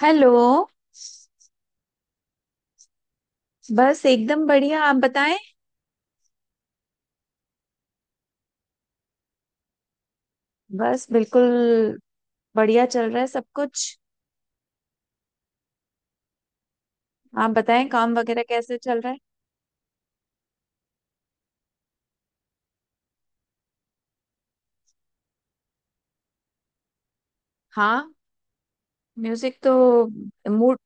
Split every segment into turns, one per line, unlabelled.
Hello. बस एकदम बढ़िया। आप बताएं। बस बिल्कुल। बढ़िया चल रहा है सब कुछ। आप बताएं, काम वगैरह कैसे चल रहा है? हाँ, म्यूजिक तो। मूड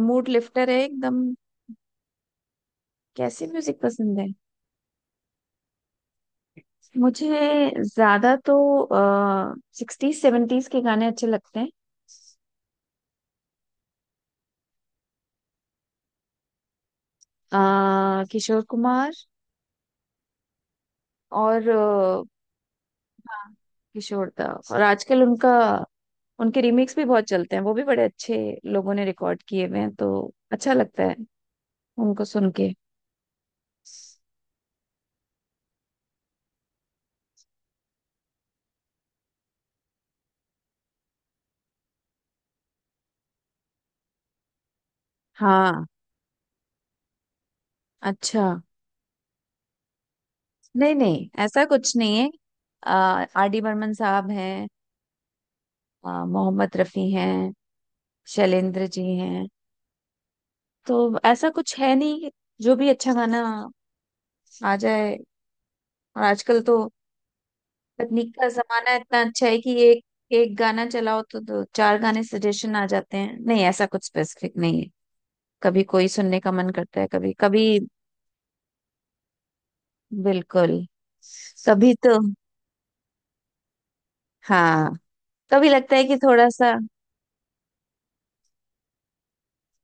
मूड लिफ्टर है एकदम। कैसे म्यूजिक पसंद है? मुझे ज्यादा तो आ, सिक्सटीज सेवेंटीज के गाने अच्छे लगते हैं। किशोर कुमार और हाँ, किशोर दा। और आजकल उनका, उनके रीमिक्स भी बहुत चलते हैं। वो भी बड़े अच्छे लोगों ने रिकॉर्ड किए हुए हैं, तो अच्छा लगता है उनको सुन के। हाँ, अच्छा। नहीं, नहीं, ऐसा कुछ नहीं है। आर डी बर्मन साहब हैं, मोहम्मद रफी हैं, शैलेंद्र जी हैं, तो ऐसा कुछ है नहीं। जो भी अच्छा गाना आ जाए। और आजकल तो तकनीक का जमाना इतना अच्छा है कि एक एक गाना चलाओ तो दो चार गाने सजेशन आ जाते हैं। नहीं, ऐसा कुछ स्पेसिफिक नहीं है। कभी कोई सुनने का मन करता है, कभी कभी। बिल्कुल। कभी तो। हाँ। कभी लगता है कि थोड़ा सा।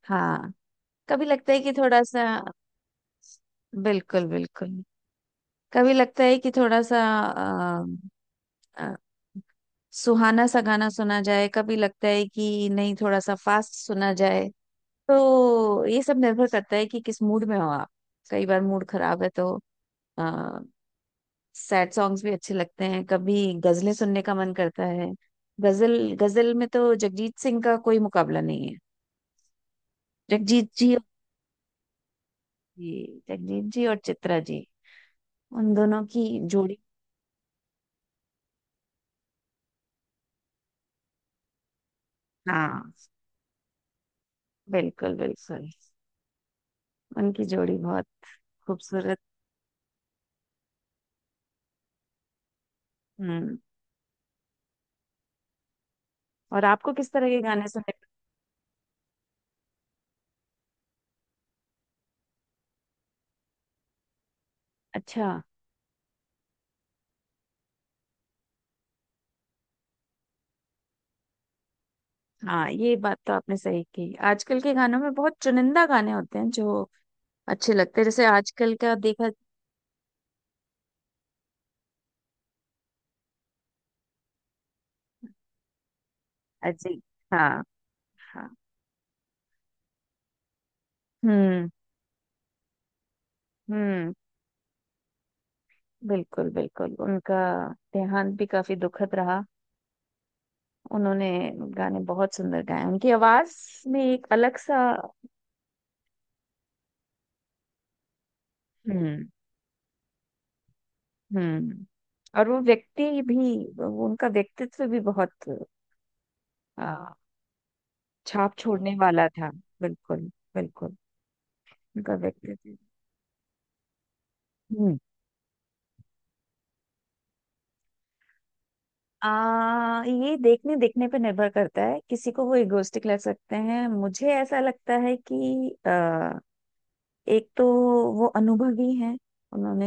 हाँ, कभी लगता है कि थोड़ा सा। बिल्कुल, बिल्कुल। कभी लगता है कि थोड़ा सा अ, अ, सुहाना सा गाना सुना जाए, कभी लगता है कि नहीं, थोड़ा सा फास्ट सुना जाए। तो ये सब निर्भर करता है कि किस मूड में हो आप। कई बार मूड खराब है, तो सैड सॉन्ग्स भी अच्छे लगते हैं। कभी गजलें सुनने का मन करता है। गजल गजल में तो जगजीत सिंह का कोई मुकाबला नहीं है। जगजीत जी और। जी, जगजीत जी और चित्रा जी, उन दोनों की जोड़ी। हाँ, बिल्कुल, बिल्कुल, उनकी जोड़ी बहुत खूबसूरत। हम्म। और आपको किस तरह के गाने सुनने? अच्छा। हाँ, ये बात तो आपने सही की, आजकल के गानों में बहुत चुनिंदा गाने होते हैं जो अच्छे लगते हैं। जैसे आजकल का देखा, अजी। हाँ, हाँ। हम्म, हम्म, बिल्कुल, बिल्कुल, उनका देहांत भी काफी दुखद रहा। उन्होंने गाने बहुत सुंदर गाए, उनकी आवाज में एक अलग सा। हम्म, हम्म। और वो व्यक्ति भी, वो उनका व्यक्तित्व भी बहुत आ, छाप छोड़ने वाला था। बिल्कुल, बिल्कुल, उनका व्यक्तित्व। हम्म। ये देखने देखने पे निर्भर करता है, किसी को वो इगोस्टिक लग सकते हैं। मुझे ऐसा लगता है कि एक तो वो अनुभवी हैं, उन्होंने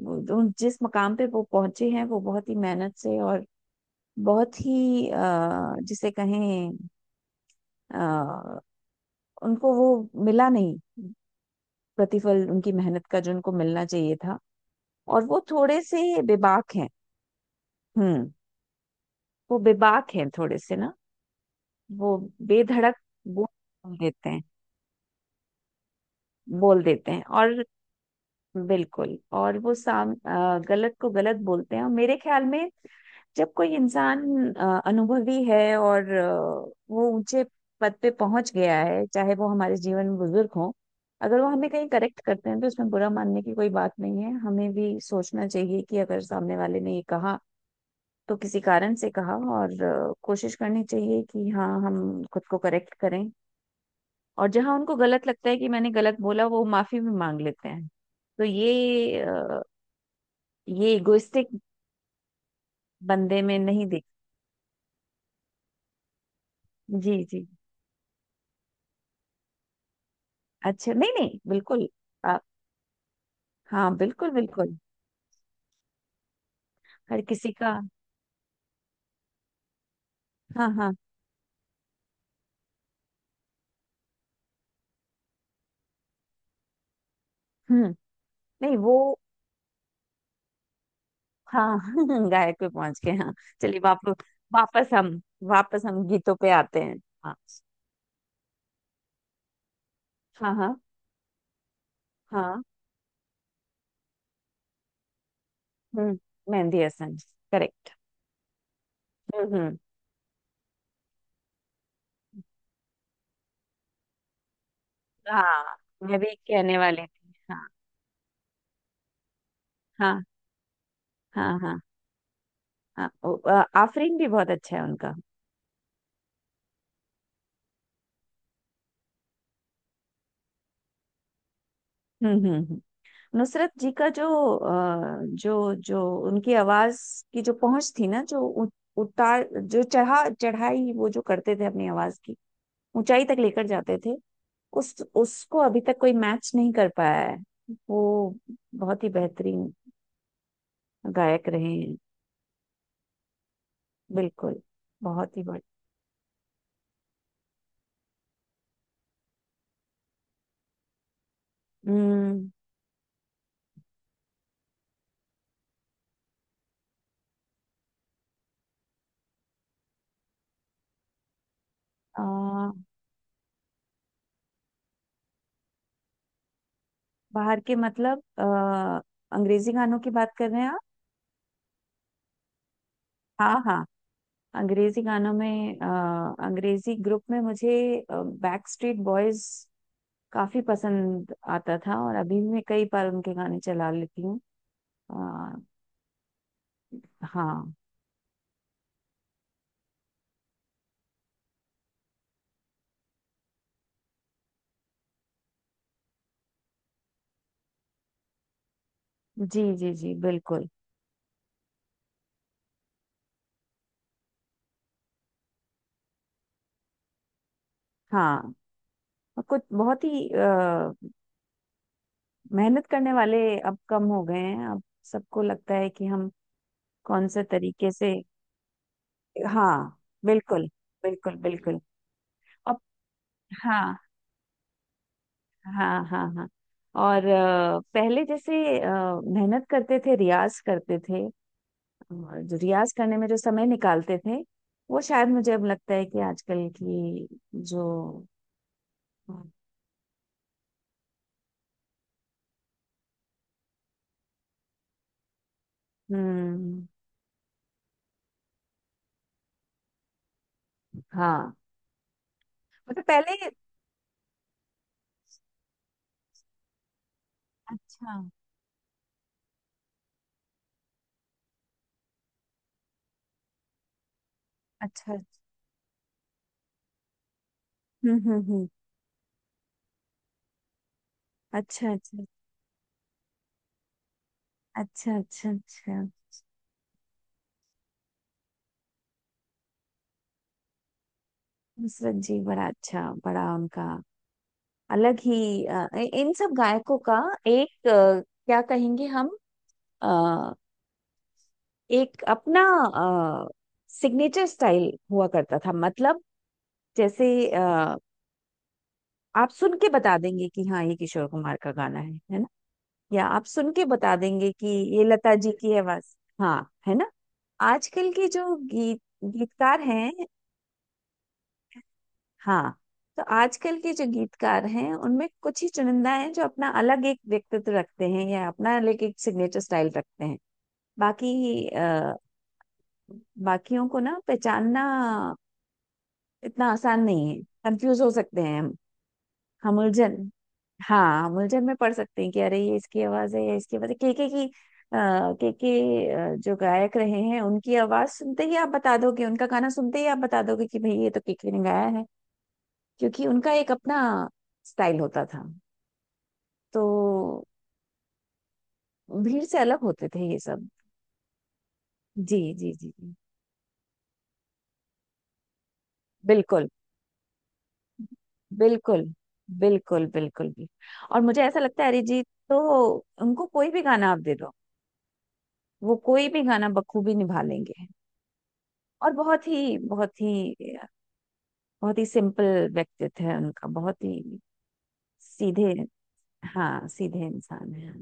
जिस मकाम पे वो पहुंचे हैं वो बहुत ही मेहनत से, और बहुत ही जिसे कहें, अ, उनको वो मिला नहीं प्रतिफल उनकी मेहनत का जो उनको मिलना चाहिए था। और वो थोड़े से बेबाक हैं। हम्म। वो बेबाक हैं थोड़े से ना, वो बेधड़क बोल देते हैं। बोल देते हैं, और बिल्कुल। और वो गलत को गलत बोलते हैं, और मेरे ख्याल में जब कोई इंसान अनुभवी है और वो ऊंचे पद पे पहुंच गया है, चाहे वो हमारे जीवन में बुजुर्ग हो, अगर वो हमें कहीं करेक्ट करते हैं तो उसमें बुरा मानने की कोई बात नहीं है। हमें भी सोचना चाहिए कि अगर सामने वाले ने ये कहा तो किसी कारण से कहा, और कोशिश करनी चाहिए कि हाँ, हम खुद को करेक्ट करें। और जहां उनको गलत लगता है कि मैंने गलत बोला, वो माफी भी मांग लेते हैं। तो ये ये इगोइस्टिक बंदे में नहीं देख। जी, जी, अच्छा, नहीं, नहीं, बिल्कुल। आप। हाँ, बिल्कुल, बिल्कुल। हर किसी का। हाँ, हाँ। हम्म। नहीं, वो। हाँ। गायक पे पहुंच गए, हाँ। चलिए वापस। वापस हम वापस हम गीतों पे आते हैं। हाँ, हाँ, हाँ, हाँ, हम्म, मेहंदी हसन, करेक्ट। हम्म, हम्म, हाँ, मैं भी कहने वाली थी, हाँ। हाँ, हाँ, हाँ, हाँ, ओ, आफरीन भी बहुत अच्छा है उनका। हम्म, हम्म, नुसरत जी का जो अ, जो जो उनकी आवाज की जो पहुंच थी ना, जो उतार, जो चढ़ा चढ़ाई वो जो करते थे, अपनी आवाज की ऊंचाई तक लेकर जाते थे, उस उसको अभी तक कोई मैच नहीं कर पाया है। वो बहुत ही बेहतरीन गायक रहे हैं। बिल्कुल, बहुत ही बढ़िया। हम्म। अ, बाहर के मतलब, अंग्रेजी गानों की बात कर रहे हैं आप? हाँ, हाँ, अंग्रेजी गानों में, अंग्रेजी ग्रुप में मुझे बैक स्ट्रीट बॉयज काफी पसंद आता था, और अभी भी मैं कई बार उनके गाने चला लेती हूँ। अ, हाँ, जी, जी, जी, बिल्कुल। हाँ, और कुछ बहुत ही मेहनत करने वाले अब कम हो गए हैं। अब सबको लगता है कि हम कौन से तरीके से। हाँ, बिल्कुल, बिल्कुल, बिल्कुल। अब, हाँ, हाँ, हाँ, हाँ। और पहले जैसे अ, मेहनत करते थे, रियाज करते थे, और जो रियाज करने में जो समय निकालते थे, वो शायद मुझे अब लगता है कि आजकल की जो। हम्म। हाँ, मतलब पहले। अच्छा, अच्छा, हम्म, हम्म, हम्म, अच्छा, अच्छा, अच्छा, अच्छा, अच्छा। नुसरत जी बड़ा अच्छा, बड़ा उनका अलग ही इन सब गायकों का एक क्या कहेंगे हम, एक अपना सिग्नेचर स्टाइल हुआ करता था। मतलब जैसे, आप सुन के बता देंगे कि हाँ ये किशोर कुमार का गाना है ना? या आप सुन के बता देंगे कि ये लता जी की आवाज, हाँ, है ना? आजकल के जो गीत गीतकार हैं, हाँ, तो आजकल के जो गीतकार हैं उनमें कुछ ही चुनिंदा हैं जो अपना अलग एक व्यक्तित्व रखते हैं या अपना अलग एक सिग्नेचर स्टाइल रखते हैं। बाकी आ, बाकियों को ना पहचानना इतना आसान नहीं है, कंफ्यूज हो सकते हैं हम। हम उलझन, हाँ, हम उलझन में पढ़ सकते हैं कि अरे ये इसकी आवाज है या इसकी आवाज है केके की। केके जो गायक रहे हैं, उनकी आवाज सुनते ही आप बता दोगे, उनका गाना सुनते ही आप बता दोगे कि भाई ये तो केके ने गाया है। क्योंकि उनका एक अपना स्टाइल होता था, तो भीड़ से अलग होते थे ये सब। जी, जी, जी, जी, बिल्कुल, बिल्कुल, बिल्कुल, बिल्कुल भी। और मुझे ऐसा लगता है अरिजीत तो, उनको कोई भी गाना आप दे दो, वो कोई भी गाना बखूबी निभा लेंगे। और बहुत ही, बहुत ही, बहुत ही सिंपल व्यक्तित्व है उनका, बहुत ही सीधे। हाँ, सीधे इंसान है।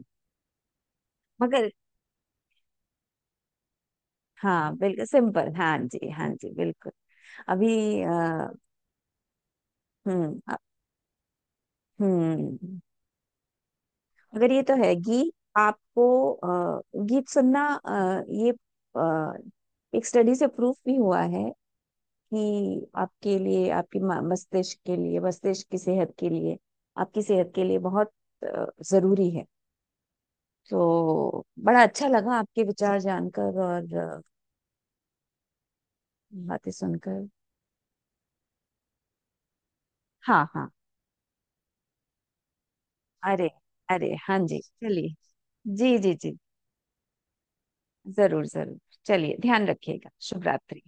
मगर, हाँ, बिल्कुल सिंपल, हाँ जी, हाँ जी, बिल्कुल। अभी हम्म, हम्म, मगर ये तो है गीत। आपको अ, गीत सुनना, ये अ, एक स्टडी से प्रूफ भी हुआ है ही, आपके लिए, आपकी मस्तिष्क के लिए, मस्तिष्क की सेहत के लिए, आपकी सेहत के लिए बहुत जरूरी है। तो बड़ा अच्छा लगा आपके विचार जानकर और बातें सुनकर। हाँ, हाँ, अरे, अरे, हाँ जी, चलिए। जी, जी, जी, जरूर, जरूर। चलिए, ध्यान रखिएगा, शुभ रात्रि।